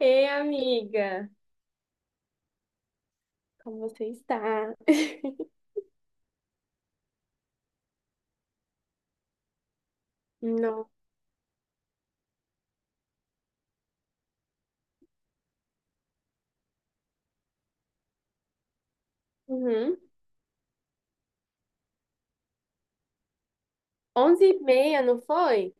Ei, amiga, como você está? Não. Uhum. 11h30, não foi?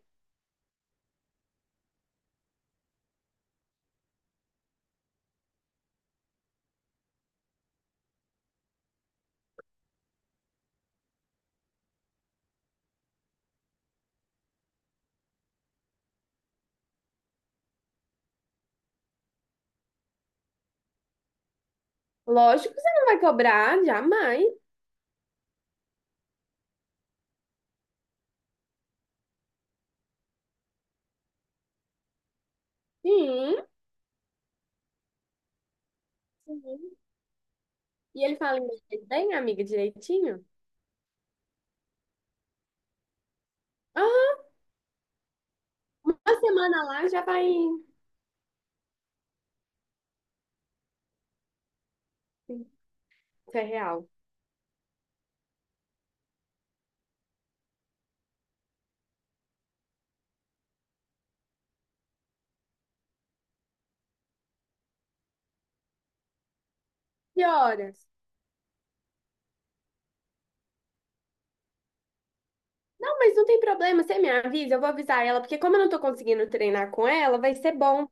Lógico que você não vai cobrar, jamais. Sim. Sim. E ele fala inglês bem, amiga, direitinho? Aham, uma semana lá já vai. Isso é real. Que horas? Não, mas não tem problema, você me avisa, eu vou avisar ela, porque como eu não tô conseguindo treinar com ela, vai ser bom.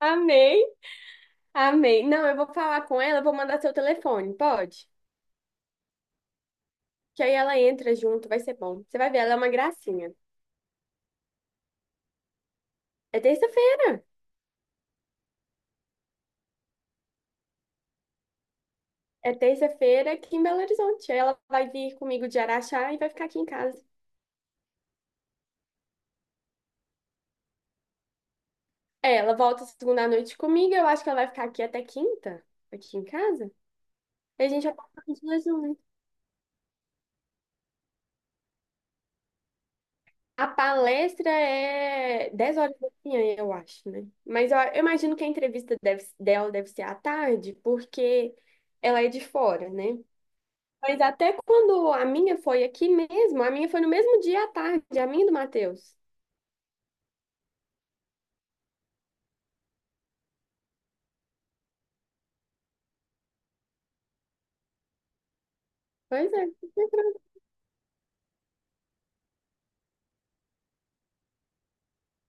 Amei, amei. Não, eu vou falar com ela, eu vou mandar seu telefone, pode? Que aí ela entra junto, vai ser bom. Você vai ver, ela é uma gracinha. É terça-feira. É terça-feira aqui em Belo Horizonte. Aí ela vai vir comigo de Araxá e vai ficar aqui em casa. É, ela volta segunda à noite comigo, eu acho que ela vai ficar aqui até quinta, aqui em casa. E a gente já tá de junto. A palestra é 10 horas da manhã, eu acho, né? Mas eu imagino que a entrevista dela deve ser à tarde, porque ela é de fora, né? Mas até quando a minha foi aqui mesmo, a minha foi no mesmo dia à tarde, a minha e do Matheus. Pois é,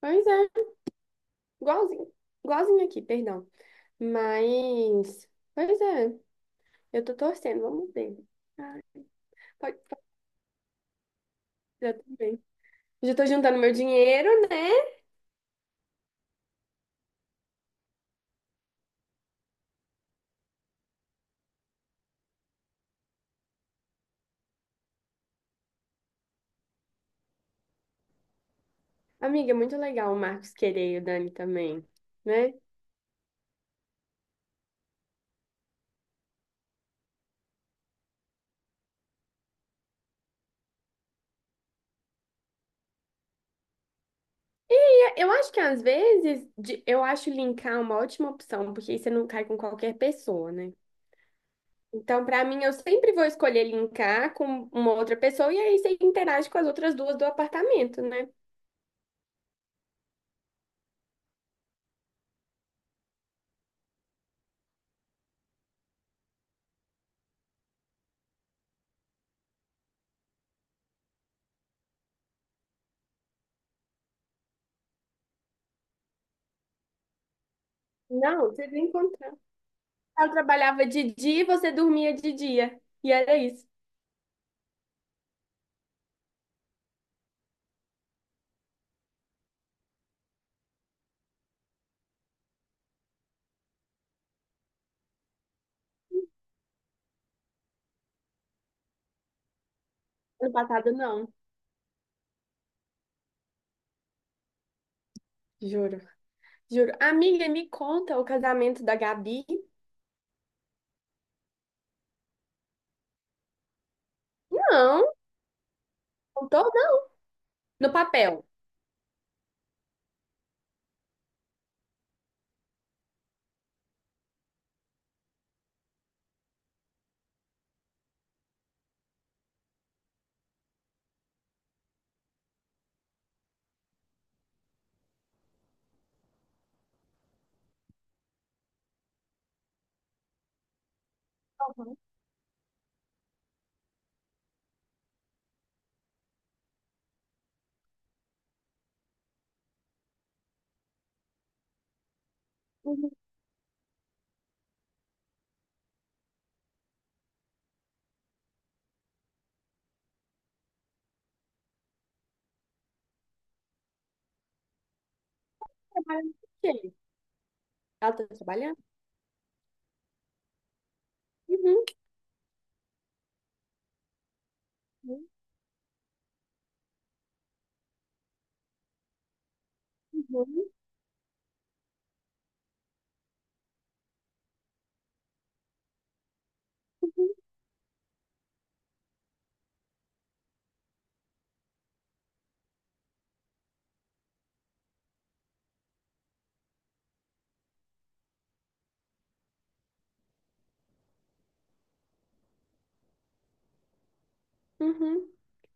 pois é, igualzinho, igualzinho aqui, perdão. Mas, pois é, eu tô torcendo, vamos ver. Ai, pode, pode ser também. Já tô juntando meu dinheiro, né? Amiga, é muito legal o Marcos querer e o Dani também, né? Eu acho que às vezes, eu acho linkar uma ótima opção, porque aí você não cai com qualquer pessoa, né? Então, para mim, eu sempre vou escolher linkar com uma outra pessoa e aí você interage com as outras duas do apartamento, né? Não, vocês encontrar. Ela trabalhava de dia e você dormia de dia. E era isso. Ano passado, não. Juro, juro. Amiga, me conta o casamento da Gabi. Não, contou não. No papel. Uhum. Uhum. Trabalhando com quem? Ela tá trabalhando? Uhum. Uhum. Uhum. Uhum.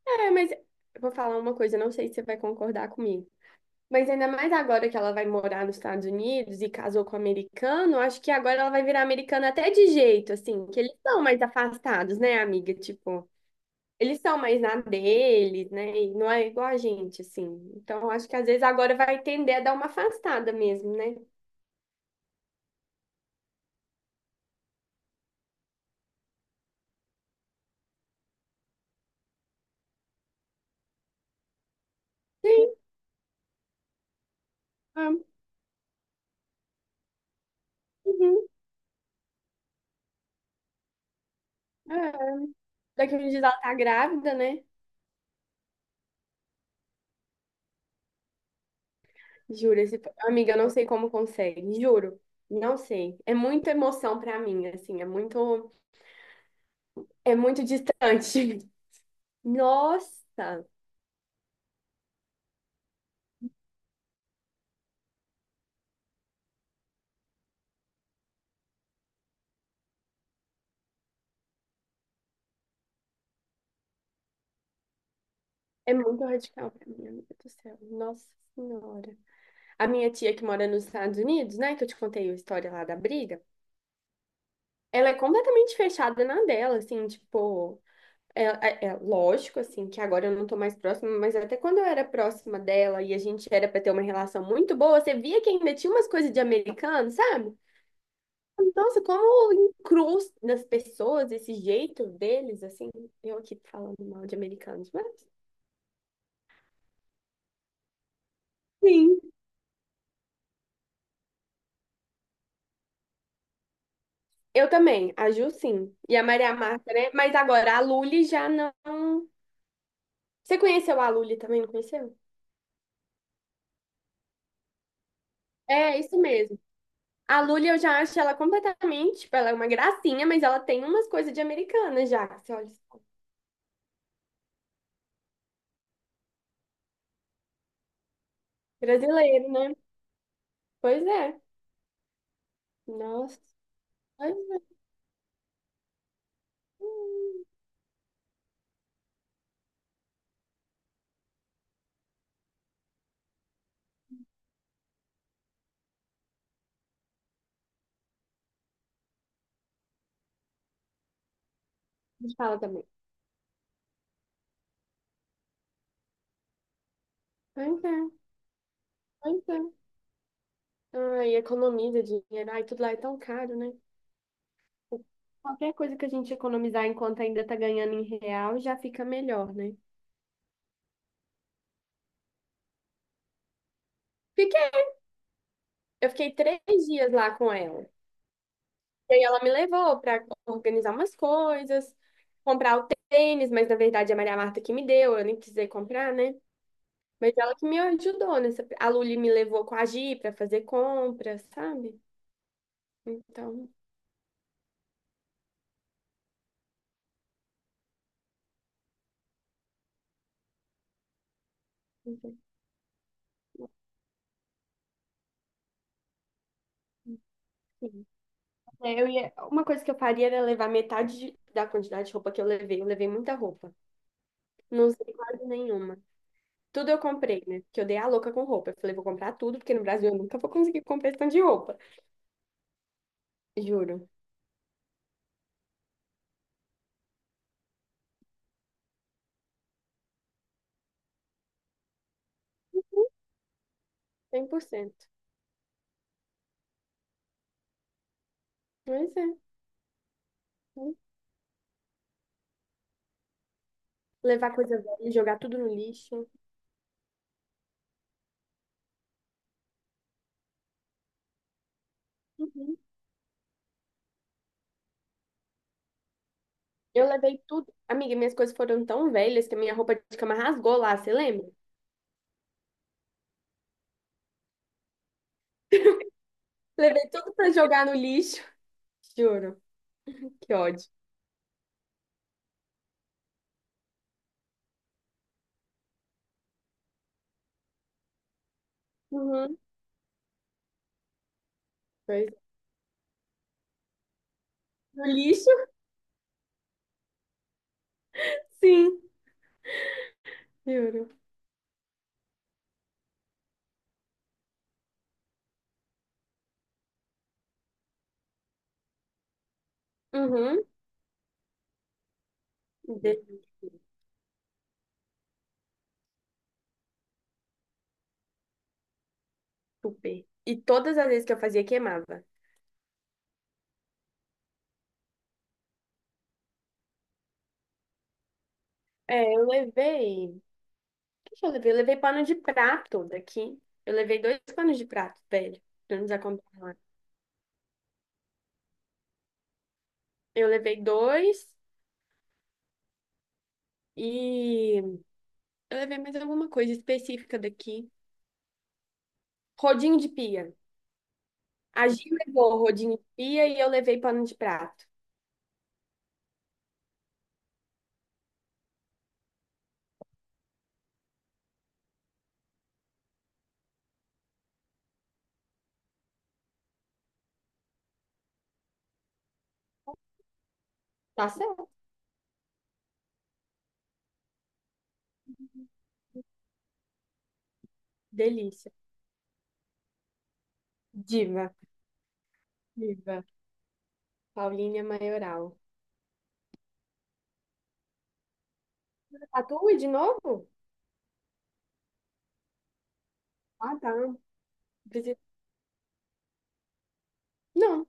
É, mas eu vou falar uma coisa, não sei se você vai concordar comigo. Mas ainda mais agora que ela vai morar nos Estados Unidos e casou com um americano, acho que agora ela vai virar americana até de jeito, assim, que eles são mais afastados, né, amiga? Tipo, eles são mais na deles, né? E não é igual a gente, assim. Então, acho que às vezes agora vai tender a dar uma afastada mesmo, né? Sim, ah, uhum, é. Daqui a uns dias ela tá grávida, né? Juro, amiga, eu não sei como consegue, juro. Não sei. É muita emoção pra mim, assim, é muito distante. Nossa, é muito radical pra mim, amiga do céu. Nossa Senhora. A minha tia que mora nos Estados Unidos, né, que eu te contei a história lá da briga, ela é completamente fechada na dela, assim, tipo, é lógico, assim, que agora eu não tô mais próxima, mas até quando eu era próxima dela e a gente era pra ter uma relação muito boa, você via que ainda tinha umas coisas de americano, sabe? Nossa, como encruz nas pessoas, esse jeito deles, assim, eu aqui falando mal de americanos, mas. Sim. Eu também, a Ju sim. E a Maria Marta, né? Mas agora, a Lully já não. Você conheceu a Lully também, não conheceu? É, isso mesmo. A Lully eu já acho ela completamente. Tipo, ela é uma gracinha, mas ela tem umas coisas de americana já. Que você olha, só. Brasileiro, né? Pois é. Nossa, pois é. Fala também. Pois é, pois é. Ai, economiza dinheiro. Ai, tudo lá é tão caro, né? Qualquer coisa que a gente economizar enquanto ainda tá ganhando em real já fica melhor, né? Fica Eu fiquei 3 dias lá com ela. E aí ela me levou para organizar umas coisas, comprar o tênis, mas na verdade é a Maria Marta que me deu, eu nem precisei comprar, né? Mas ela que me ajudou nessa. A Luli me levou com a Gi para fazer compras, sabe? Então, enfim. É, eu ia... Uma coisa que eu faria era levar metade de- da quantidade de roupa que eu levei. Eu levei muita roupa. Não usei quase nenhuma. Tudo eu comprei, né? Porque eu dei a louca com roupa. Eu falei, vou comprar tudo, porque no Brasil eu nunca vou conseguir comprar esse tanto de roupa. Juro. 100%, mas é, né? Levar coisa velha, jogar tudo no lixo. Uhum. Eu levei tudo. Amiga, minhas coisas foram tão velhas que a minha roupa de cama rasgou lá, você lembra? Levei tudo pra jogar no lixo. Juro. Que ódio. Uhum. Pois é. No lixo? Sim, juro. Uhum. Desculpe. E todas as vezes que eu fazia, queimava. É, eu levei. O que que eu levei? Eu levei pano de prato daqui. Eu levei dois panos de prato, velho. Pra nos acompanhar lá. Eu levei dois. E eu levei mais alguma coisa específica daqui. Rodinho de pia. A Gi levou rodinho de pia e eu levei pano de prato. Tá certo. Delícia. Diva. Diva. Paulinha Maioral. Tatu de novo? Ah, tá. Preciso- Não,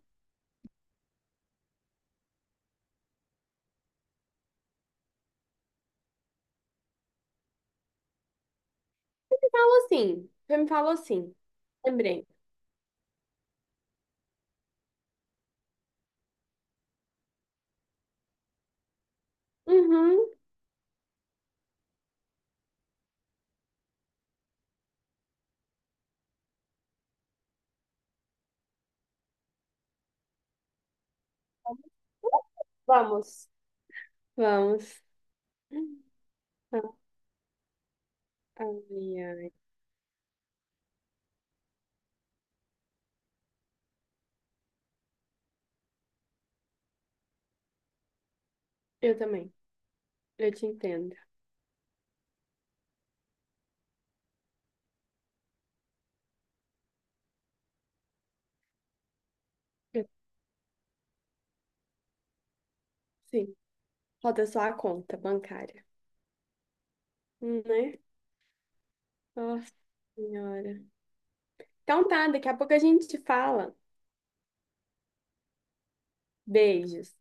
falou assim. Você me falou assim. Lembrei. Uhum. Vamos. Vamos. Ah, ai, ai. Eu também. Eu te entendo. Eu- Sim. Falta só a conta bancária, né? Nossa Senhora. Então tá, daqui a pouco a gente fala. Beijos.